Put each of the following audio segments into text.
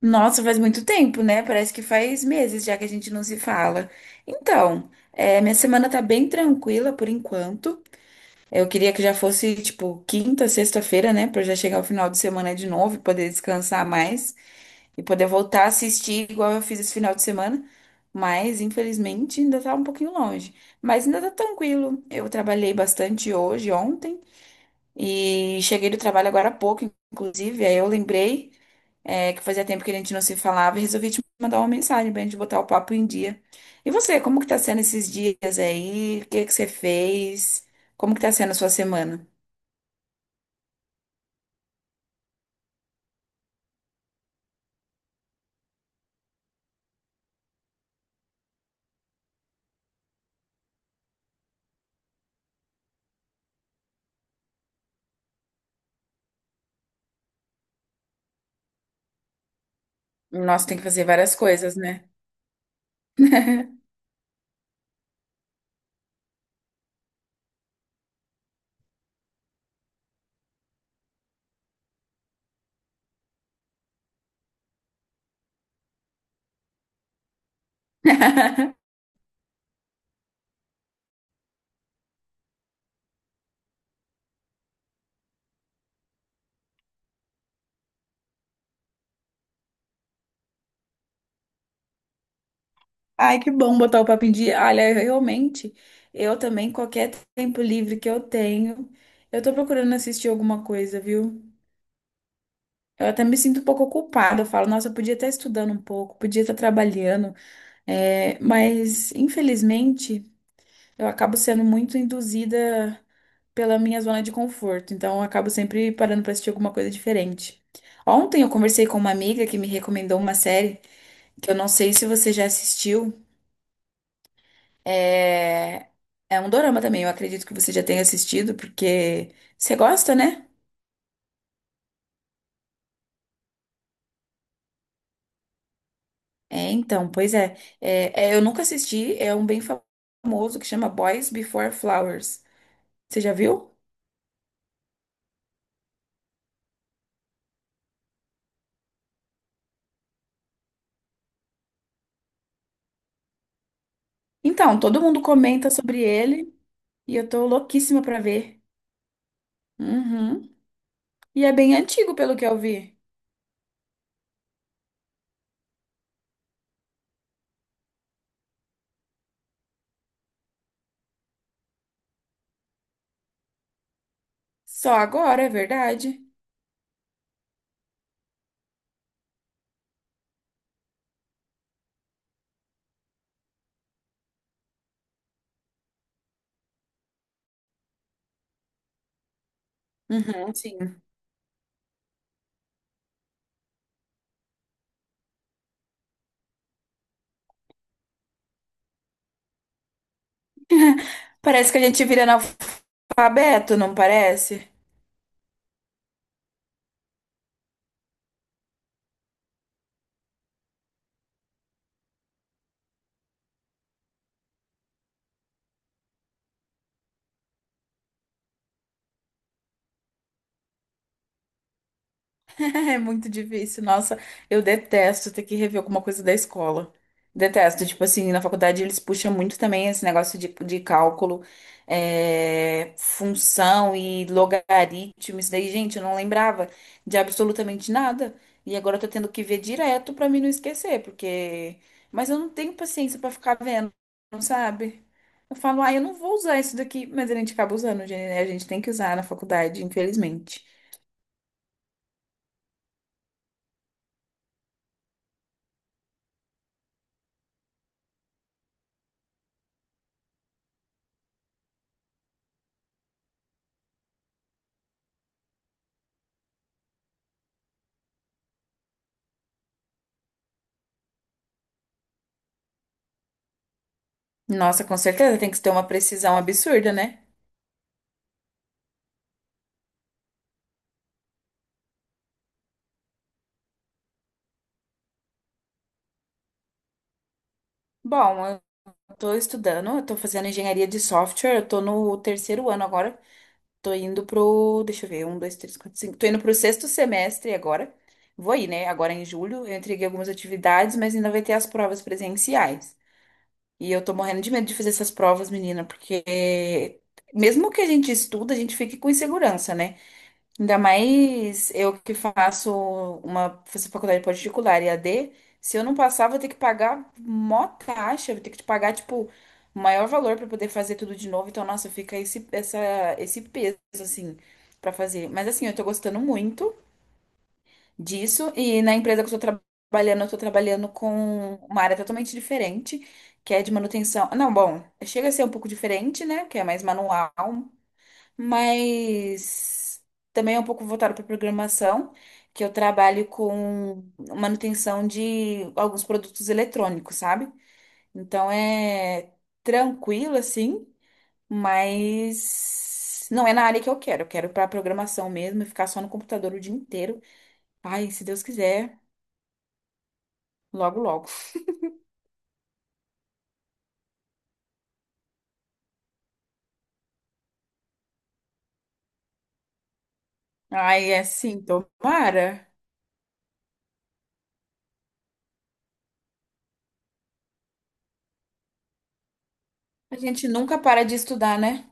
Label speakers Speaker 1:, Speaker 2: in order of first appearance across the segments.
Speaker 1: Nossa, faz muito tempo, né? Parece que faz meses já que a gente não se fala. Então, minha semana tá bem tranquila por enquanto. Eu queria que já fosse, tipo, quinta, sexta-feira, né? Pra eu já chegar ao final de semana de novo e poder descansar mais e poder voltar a assistir igual eu fiz esse final de semana. Mas, infelizmente, ainda tá um pouquinho longe. Mas ainda tá tranquilo. Eu trabalhei bastante hoje, ontem, e cheguei do trabalho agora há pouco, inclusive. Aí eu lembrei que fazia tempo que a gente não se falava, e resolvi te mandar uma mensagem pra gente botar o papo em dia. E você, como que tá sendo esses dias aí? O que que você fez? Como que tá sendo a sua semana? Nossa, tem que fazer várias coisas, né? Ai, que bom botar o papo em dia. Olha, realmente, eu também, qualquer tempo livre que eu tenho, eu tô procurando assistir alguma coisa, viu? Eu até me sinto um pouco culpada. Eu falo, nossa, eu podia estar estudando um pouco, podia estar trabalhando, mas infelizmente. Eu acabo sendo muito induzida pela minha zona de conforto, então eu acabo sempre parando para assistir alguma coisa diferente. Ontem eu conversei com uma amiga que me recomendou uma série que eu não sei se você já assistiu. É, é um dorama também, eu acredito que você já tenha assistido, porque você gosta, né? É, então, pois é. Eu nunca assisti, é um bem famoso que chama Boys Before Flowers. Você já viu? Então, todo mundo comenta sobre ele e eu tô louquíssima pra ver. Uhum. E é bem antigo, pelo que eu vi. Só agora, é verdade. Uhum, sim. Parece que a gente vira analfabeto, não parece? É muito difícil. Nossa, eu detesto ter que rever alguma coisa da escola. Detesto. Tipo assim, na faculdade eles puxam muito também esse negócio de cálculo, é, função e logaritmo. Isso daí, gente, eu não lembrava de absolutamente nada. E agora eu tô tendo que ver direto pra mim não esquecer, porque. Mas eu não tenho paciência pra ficar vendo, não sabe? Eu falo, ah, eu não vou usar isso daqui, mas a gente acaba usando, gente, né? A gente tem que usar na faculdade, infelizmente. Nossa, com certeza tem que ter uma precisão absurda, né? Bom, eu tô estudando, eu tô fazendo engenharia de software, eu tô no terceiro ano agora, tô indo pro, deixa eu ver, um, dois, três, quatro, cinco, tô indo pro sexto semestre agora. Vou ir, né? Agora em julho, eu entreguei algumas atividades, mas ainda vai ter as provas presenciais. E eu tô morrendo de medo de fazer essas provas, menina, porque mesmo que a gente estuda, a gente fica com insegurança, né? Ainda mais eu que faço uma faço faculdade particular e AD, se eu não passar, vou ter que pagar mó taxa, vou ter que te pagar, tipo, o maior valor para poder fazer tudo de novo. Então, nossa, fica esse peso, assim, para fazer. Mas, assim, eu tô gostando muito disso. E na empresa que eu tô trabalhando com uma área totalmente diferente, que é de manutenção. Não, bom, chega a ser um pouco diferente, né? Que é mais manual, mas também é um pouco voltado para programação, que eu trabalho com manutenção de alguns produtos eletrônicos, sabe? Então é tranquilo assim, mas não é na área que eu quero. Eu quero para programação mesmo, e ficar só no computador o dia inteiro. Ai, se Deus quiser, logo logo. Ai, é sim. Tomara. A gente nunca para de estudar, né?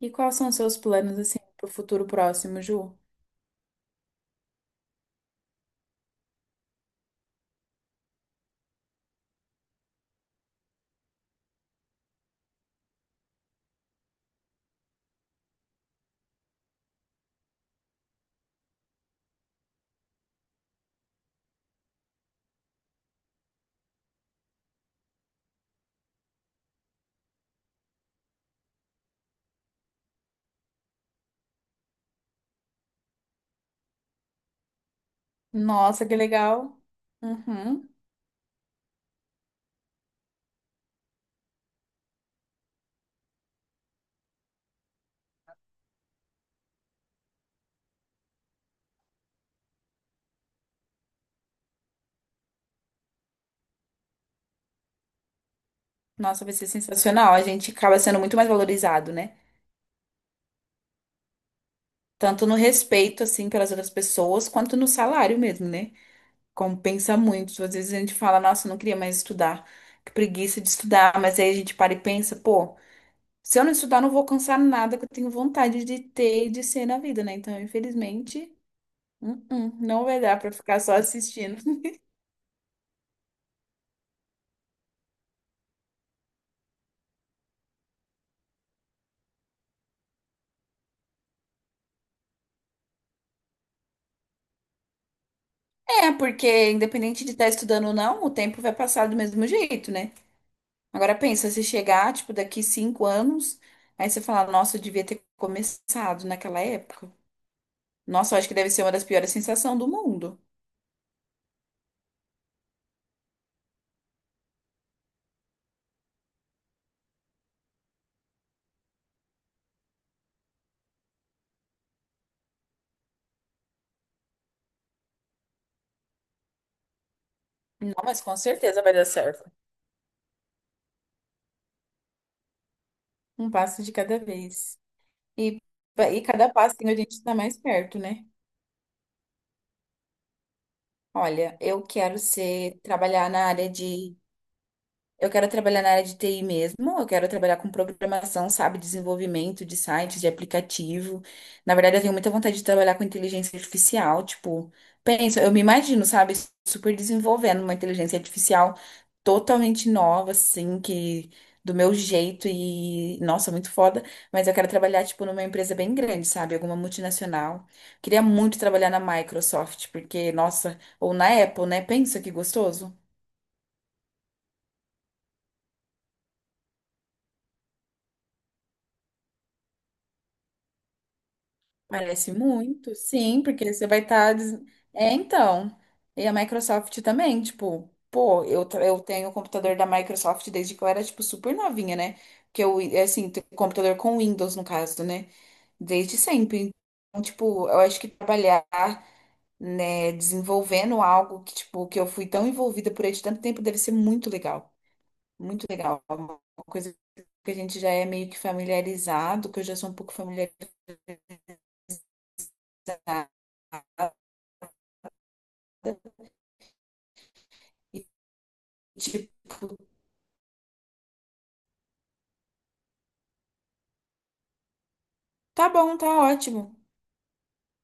Speaker 1: E quais são os seus planos assim pro futuro próximo, Ju? Nossa, que legal. Uhum. Nossa, vai ser sensacional. A gente acaba sendo muito mais valorizado, né? Tanto no respeito, assim, pelas outras pessoas, quanto no salário mesmo, né? Compensa muito. Às vezes a gente fala, nossa, eu não queria mais estudar, que preguiça de estudar. Mas aí a gente para e pensa, pô, se eu não estudar, eu não vou alcançar nada que eu tenho vontade de ter e de ser na vida, né? Então, infelizmente, não vai dar pra ficar só assistindo. É, porque independente de estar estudando ou não, o tempo vai passar do mesmo jeito, né? Agora pensa, se chegar, tipo, daqui cinco anos, aí você fala, nossa, eu devia ter começado naquela época. Nossa, eu acho que deve ser uma das piores sensações do mundo. Não, mas com certeza vai dar certo. Um passo de cada vez. E, e cada passo que a gente está mais perto, né? Olha, eu quero ser, trabalhar na área de eu quero trabalhar na área de TI mesmo, eu quero trabalhar com programação, sabe, desenvolvimento de sites, de aplicativo. Na verdade, eu tenho muita vontade de trabalhar com inteligência artificial, tipo, penso, eu me imagino, sabe, super desenvolvendo uma inteligência artificial totalmente nova, assim, que do meu jeito e, nossa, muito foda, mas eu quero trabalhar, tipo, numa empresa bem grande, sabe, alguma multinacional. Queria muito trabalhar na Microsoft, porque, nossa, ou na Apple, né? Pensa que gostoso. Parece muito, sim, porque você vai estar. É, então. E a Microsoft também, tipo, pô, eu, tra- eu tenho o computador da Microsoft desde que eu era, tipo, super novinha, né? Que eu, é assim, tenho computador com Windows, no caso, né? Desde sempre. Então, tipo, eu acho que trabalhar, né, desenvolvendo algo que, tipo, que eu fui tão envolvida por ele de tanto tempo deve ser muito legal. Muito legal. É uma coisa que a gente já é meio que familiarizado, que eu já sou um pouco familiarizada. E, tipo, Tá bom, tá ótimo.